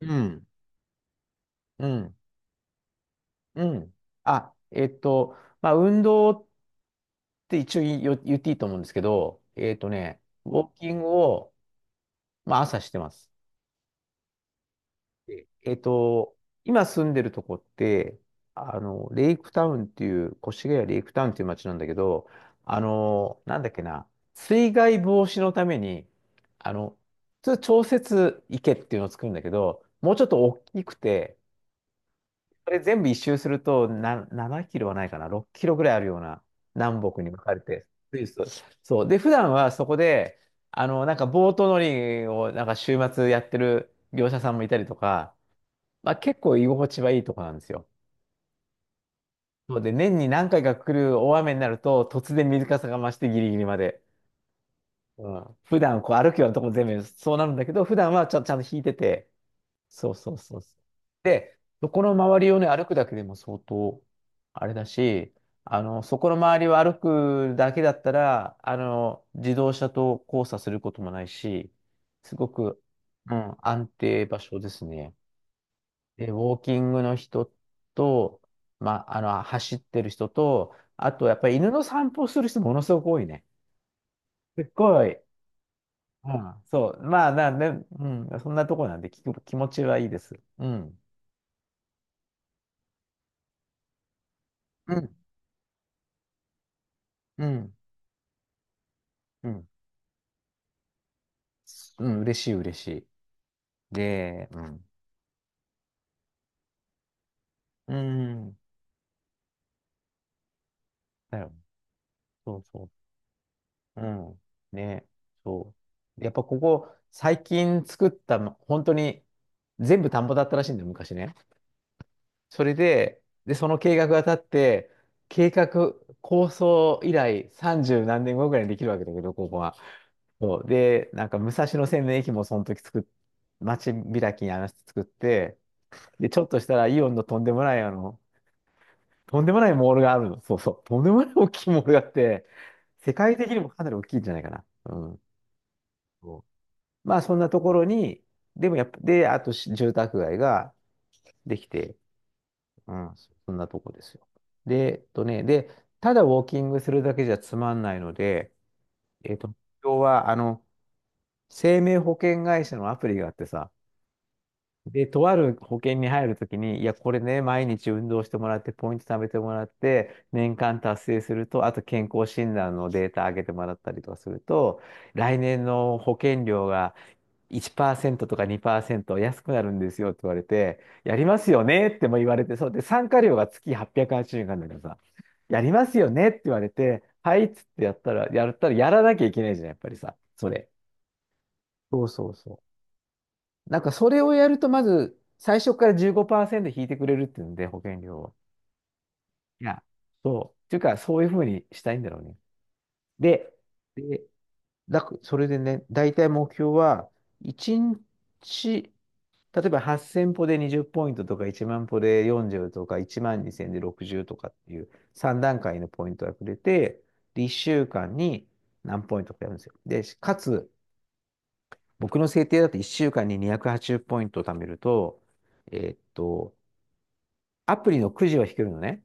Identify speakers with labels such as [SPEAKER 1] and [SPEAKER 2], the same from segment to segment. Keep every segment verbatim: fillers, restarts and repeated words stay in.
[SPEAKER 1] うん、うん、うん。あ、えっと、まあ、運動って一応言いよ言っていいと思うんですけど、えっとね、ウォーキングを、まあ、朝してます。でえっと、今住んでるとこって、あの、レイクタウンっていう、越谷レイクタウンっていう街なんだけど、あの、なんだっけな、水害防止のために、あの、普通調節池っていうのを作るんだけど、もうちょっと大きくて、それ全部一周すると、な、ななキロはないかな、ろっキロぐらいあるような、南北に分かれて、スイスと。そう。で、普段はそこで、あの、なんかボート乗りを、なんか週末やってる業者さんもいたりとか、まあ結構居心地はいいとこなんですよ。そうで、年に何回か来る大雨になると、突然水かさが増してギリギリまで。うん。普段こう歩くようなとこ全部そうなるんだけど、普段はちゃん、ちゃんと引いてて、そうそうそうそう。で、そこの周りをね、歩くだけでも相当、あれだし、あの、そこの周りを歩くだけだったら、あの、自動車と交差することもないし、すごく、うん、安定場所ですね。で、ウォーキングの人と、まあ、あの、走ってる人と、あと、やっぱり犬の散歩する人ものすごく多いね。すっごい。うん、そう。まあ、なんで、うん、そんなとこなんで、気気持ちはいいです。うん。うん。うん。うん。うん、嬉しい、嬉しい。で、うん。うん。だよ。そうそう。うん。ね。そう。やっぱここ、最近作ったの、本当に、全部田んぼだったらしいんだよ、昔ね。それで、で、その計画が立って、計画、構想以来さんじゅう何年後ぐらいにできるわけだけど、ここは。そう。で、なんか武蔵野線の駅もその時作っ、街開きに話して作って、で、ちょっとしたらイオンのとんでもないあの、とんでもないモールがあるの。そうそう。とんでもない大きいモールがあって、世界的にもかなり大きいんじゃないかな。うん。そうまあ、そんなところに、でもやっぱ、で、あとし住宅街ができて、うん、そんなとこですよ。で、えっとね、で、ただウォーキングするだけじゃつまんないので、えっと、今日は、あの、生命保険会社のアプリがあってさ、で、とある保険に入るときに、いや、これね、毎日運動してもらって、ポイント貯めてもらって、年間達成すると、あと健康診断のデータ上げてもらったりとかすると、来年の保険料がいちパーセントとかにパーセント安くなるんですよって言われて、やりますよねっても言われて、そうで、参加料が月はっぴゃくはちじゅうえんなんだけどさ、やりますよねって言われて、はいっつってやったら、やったらやらなきゃいけないじゃん、やっぱりさ、それ。そうそうそう。なんかそれをやると、まず最初からじゅうごパーセント引いてくれるっていうんで、保険料を。いや、そう。っていうか、そういうふうにしたいんだろうね。で、で、だく、それでね、大体目標は、いちにち、例えばはっせん歩でにじゅうポイントとか、いちまん歩でよんじゅうとか、いちまんにせんでろくじゅうとかっていうさん段階のポイントがくれて、で、いっしゅうかんに何ポイントかやるんですよ。で、かつ、僕の制定だといっしゅうかんににひゃくはちじゅうポイントを貯めると、えーっと、アプリのくじを引けるのね。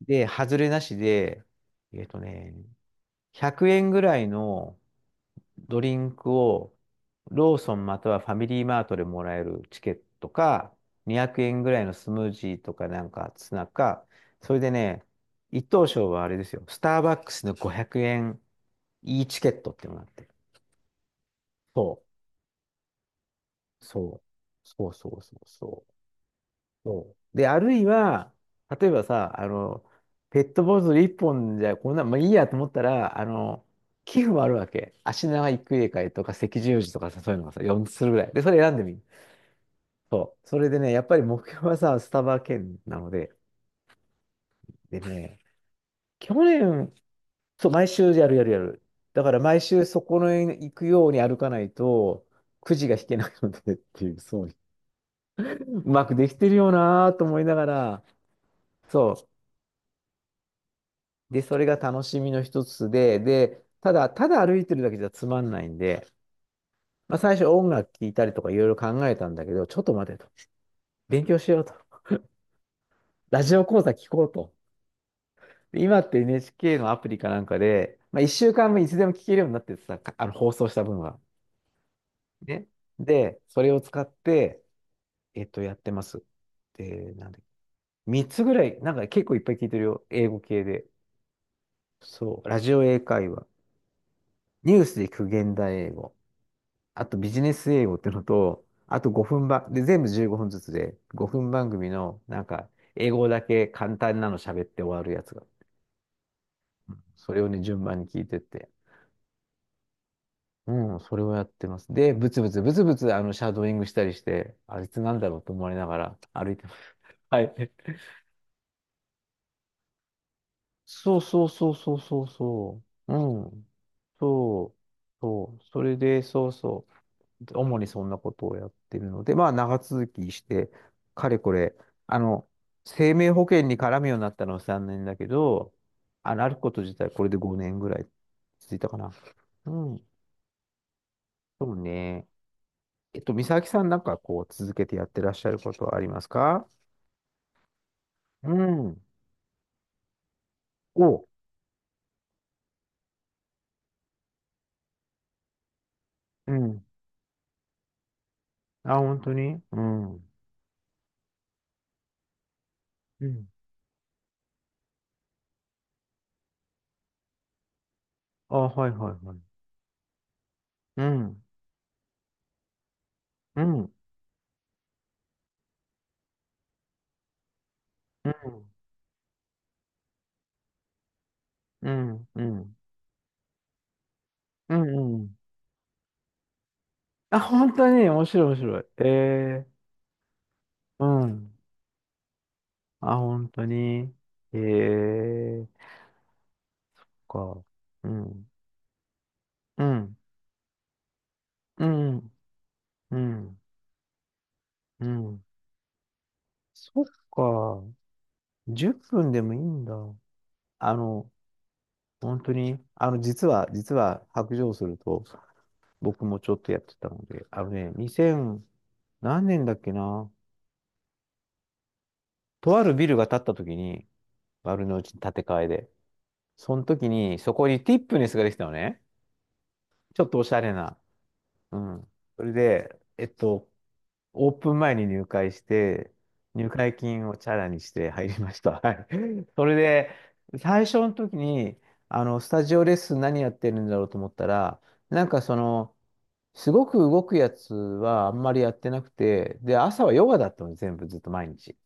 [SPEAKER 1] で、外れなしで、えっとね、ひゃくえんぐらいのドリンクをローソンまたはファミリーマートでもらえるチケットか、にひゃくえんぐらいのスムージーとかなんかツナか、それでね、一等賞はあれですよ、スターバックスのごひゃくえんいいチケットっていうのがあって。そう、そう、そうそうそうそう。そう。で、あるいは、例えばさ、あの、ペットボトル一本じゃこんな、まあいいやと思ったら、あの、寄付もあるわけ。足長育英会とか赤十字とかさ、そういうのがさ、よっつするぐらい。で、それ選んでみる。そう。それでね、やっぱり目標はさ、スタバ券なので、でね、去年、そう、毎週やるやるやる。だから毎週そこの行くように歩かないと、くじが引けないのでっていう、そう、うまくできてるよなぁと思いながら、そう。で、それが楽しみの一つで、で、ただ、ただ歩いてるだけじゃつまんないんで、まあ、最初音楽聴いたりとかいろいろ考えたんだけど、ちょっと待てと。勉強しようと。ラジオ講座聞こうと。で今って エヌエイチケー のアプリかなんかで、まあ、いっしゅうかんぶんいつでも聞けるようになっててさ、かあの放送した分は。ね。で、それを使って、えっと、やってます。で、なんだっけみっつぐらい、なんか結構いっぱい聞いてるよ。英語系で。そう。ラジオ英会話。ニュースで聞く現代英語。あとビジネス英語ってのと、あと5分ばん、で、全部じゅうごふんずつで、ごふん番組の、なんか、英語だけ簡単なの喋って終わるやつが。うんそれをね、順番に聞いてって。うん、それをやってます。で、ブツブツ、ブツブツ、あの、シャドーイングしたりして、あいつなんだろうと思いながら歩いてます。はい。そうそうそうそうそうそう。うん。そう。そう。それで、そうそう。主にそんなことをやってるので、まあ長続きして、かれこれ、あの、生命保険に絡むようになったのはさんねんだけど、あの、あること自体これでごねんぐらい続いたかな。うん、そうね。えっと、美咲さんなんかこう続けてやってらっしゃることはありますか？うん。お、うん。あ、本当にうん。うん。あ、はいはいはい。うん。うん。うん。うん。うん。うん。うんあ、本当に面白い面白い。えうん。あ、本当に。ええか。うん。うん。うん。うん。うん。そっか。じゅっぷんでもいいんだ。あの、本当に、あの、実は、実は、白状すると、僕もちょっとやってたので、あのね、にせん、何年だっけな。とあるビルが建った時に、丸の内に建て替えで。その時に、そこにティップネスができたのね。ちょっとおしゃれな。うん。それで、えっと、オープン前に入会して、入会金をチャラにして入りました。はい。それで、最初の時に、あの、スタジオレッスン何やってるんだろうと思ったら、なんかその、すごく動くやつはあんまりやってなくて、で、朝はヨガだったの、全部ずっと毎日。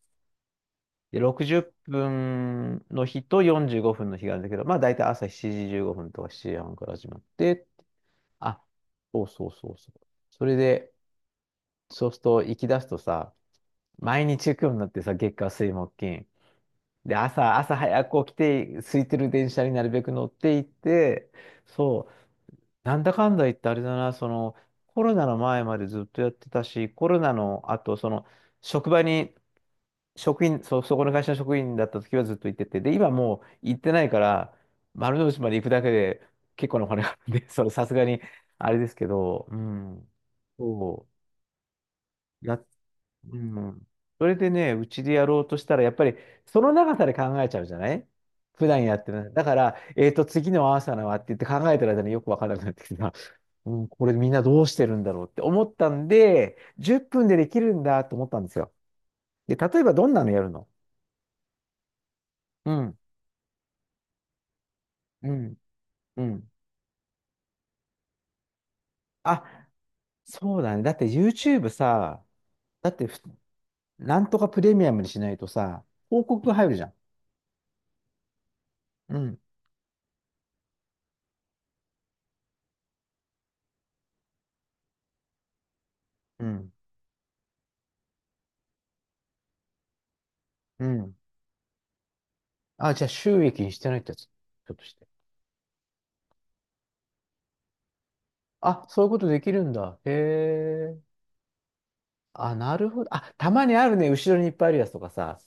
[SPEAKER 1] で、ろくじゅっぷんの日とよんじゅうごふんの日があるんだけど、まあ大体朝しちじじゅうごふんとかしちじはんから始まって、あ、そうそうそうそう。それで、そうすると行き出すとさ、毎日行くようになってさ、月火水木金。で、朝、朝早く起きて、空いてる電車になるべく乗っていって、そう、なんだかんだ言ってあれだな、その、コロナの前までずっとやってたし、コロナの後、その、職場に、職員、そ、そこの会社の職員だった時はずっと行ってて、で、今もう行ってないから、丸の内まで行くだけで結構なお金がかかるんで、その、さすがに、あれですけど、うん、そう、やっうん。それでね、うちでやろうとしたら、やっぱりその長さで考えちゃうじゃない、普段やってる。だから、えっと、次の朝のはって言って考えてる間によくわからなくなってきてさ、うん、これみんなどうしてるんだろうって思ったんで、じゅっぷんでできるんだと思ったんですよ。で、例えばどんなのやるの？うん、うん、うん。あ、そうだね。だって YouTube さ、だってふなんとかプレミアムにしないとさ、広告が入るじゃん。うん、うん、うん。あ、じゃあ収益にしてないってやつ。ちょっとして。あ、そういうことできるんだ。へえ。あ、なるほど。あ、たまにあるね。後ろにいっぱいあるやつとかさ。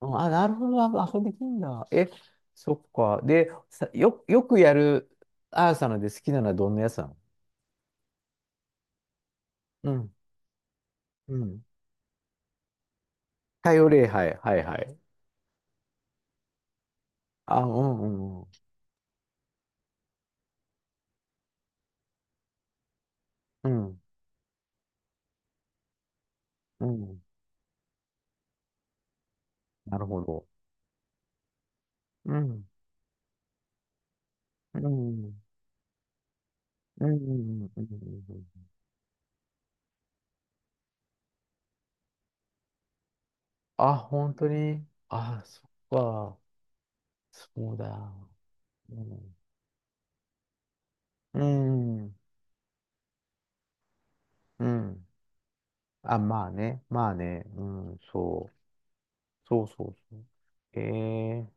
[SPEAKER 1] うん、あ、なるほど。あ、あそうできるんだ。え、そっか。で、さ、よ、よくやるアーサので好きなのはどんなやつなの？うん。うん。太陽礼拝。はいはい。あ、うんうんうん。うん。うん。なるほど。うん。うん。うん。うん。うんうんあ、本当に。あ、そっか。そうだ。うん。うん。うん。あ、まあね、まあね、うん、そう、そうそうそう。ええ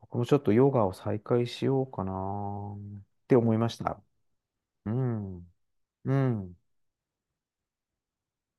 [SPEAKER 1] 僕もちょっとヨガを再開しようかなって思いました。うん、うん。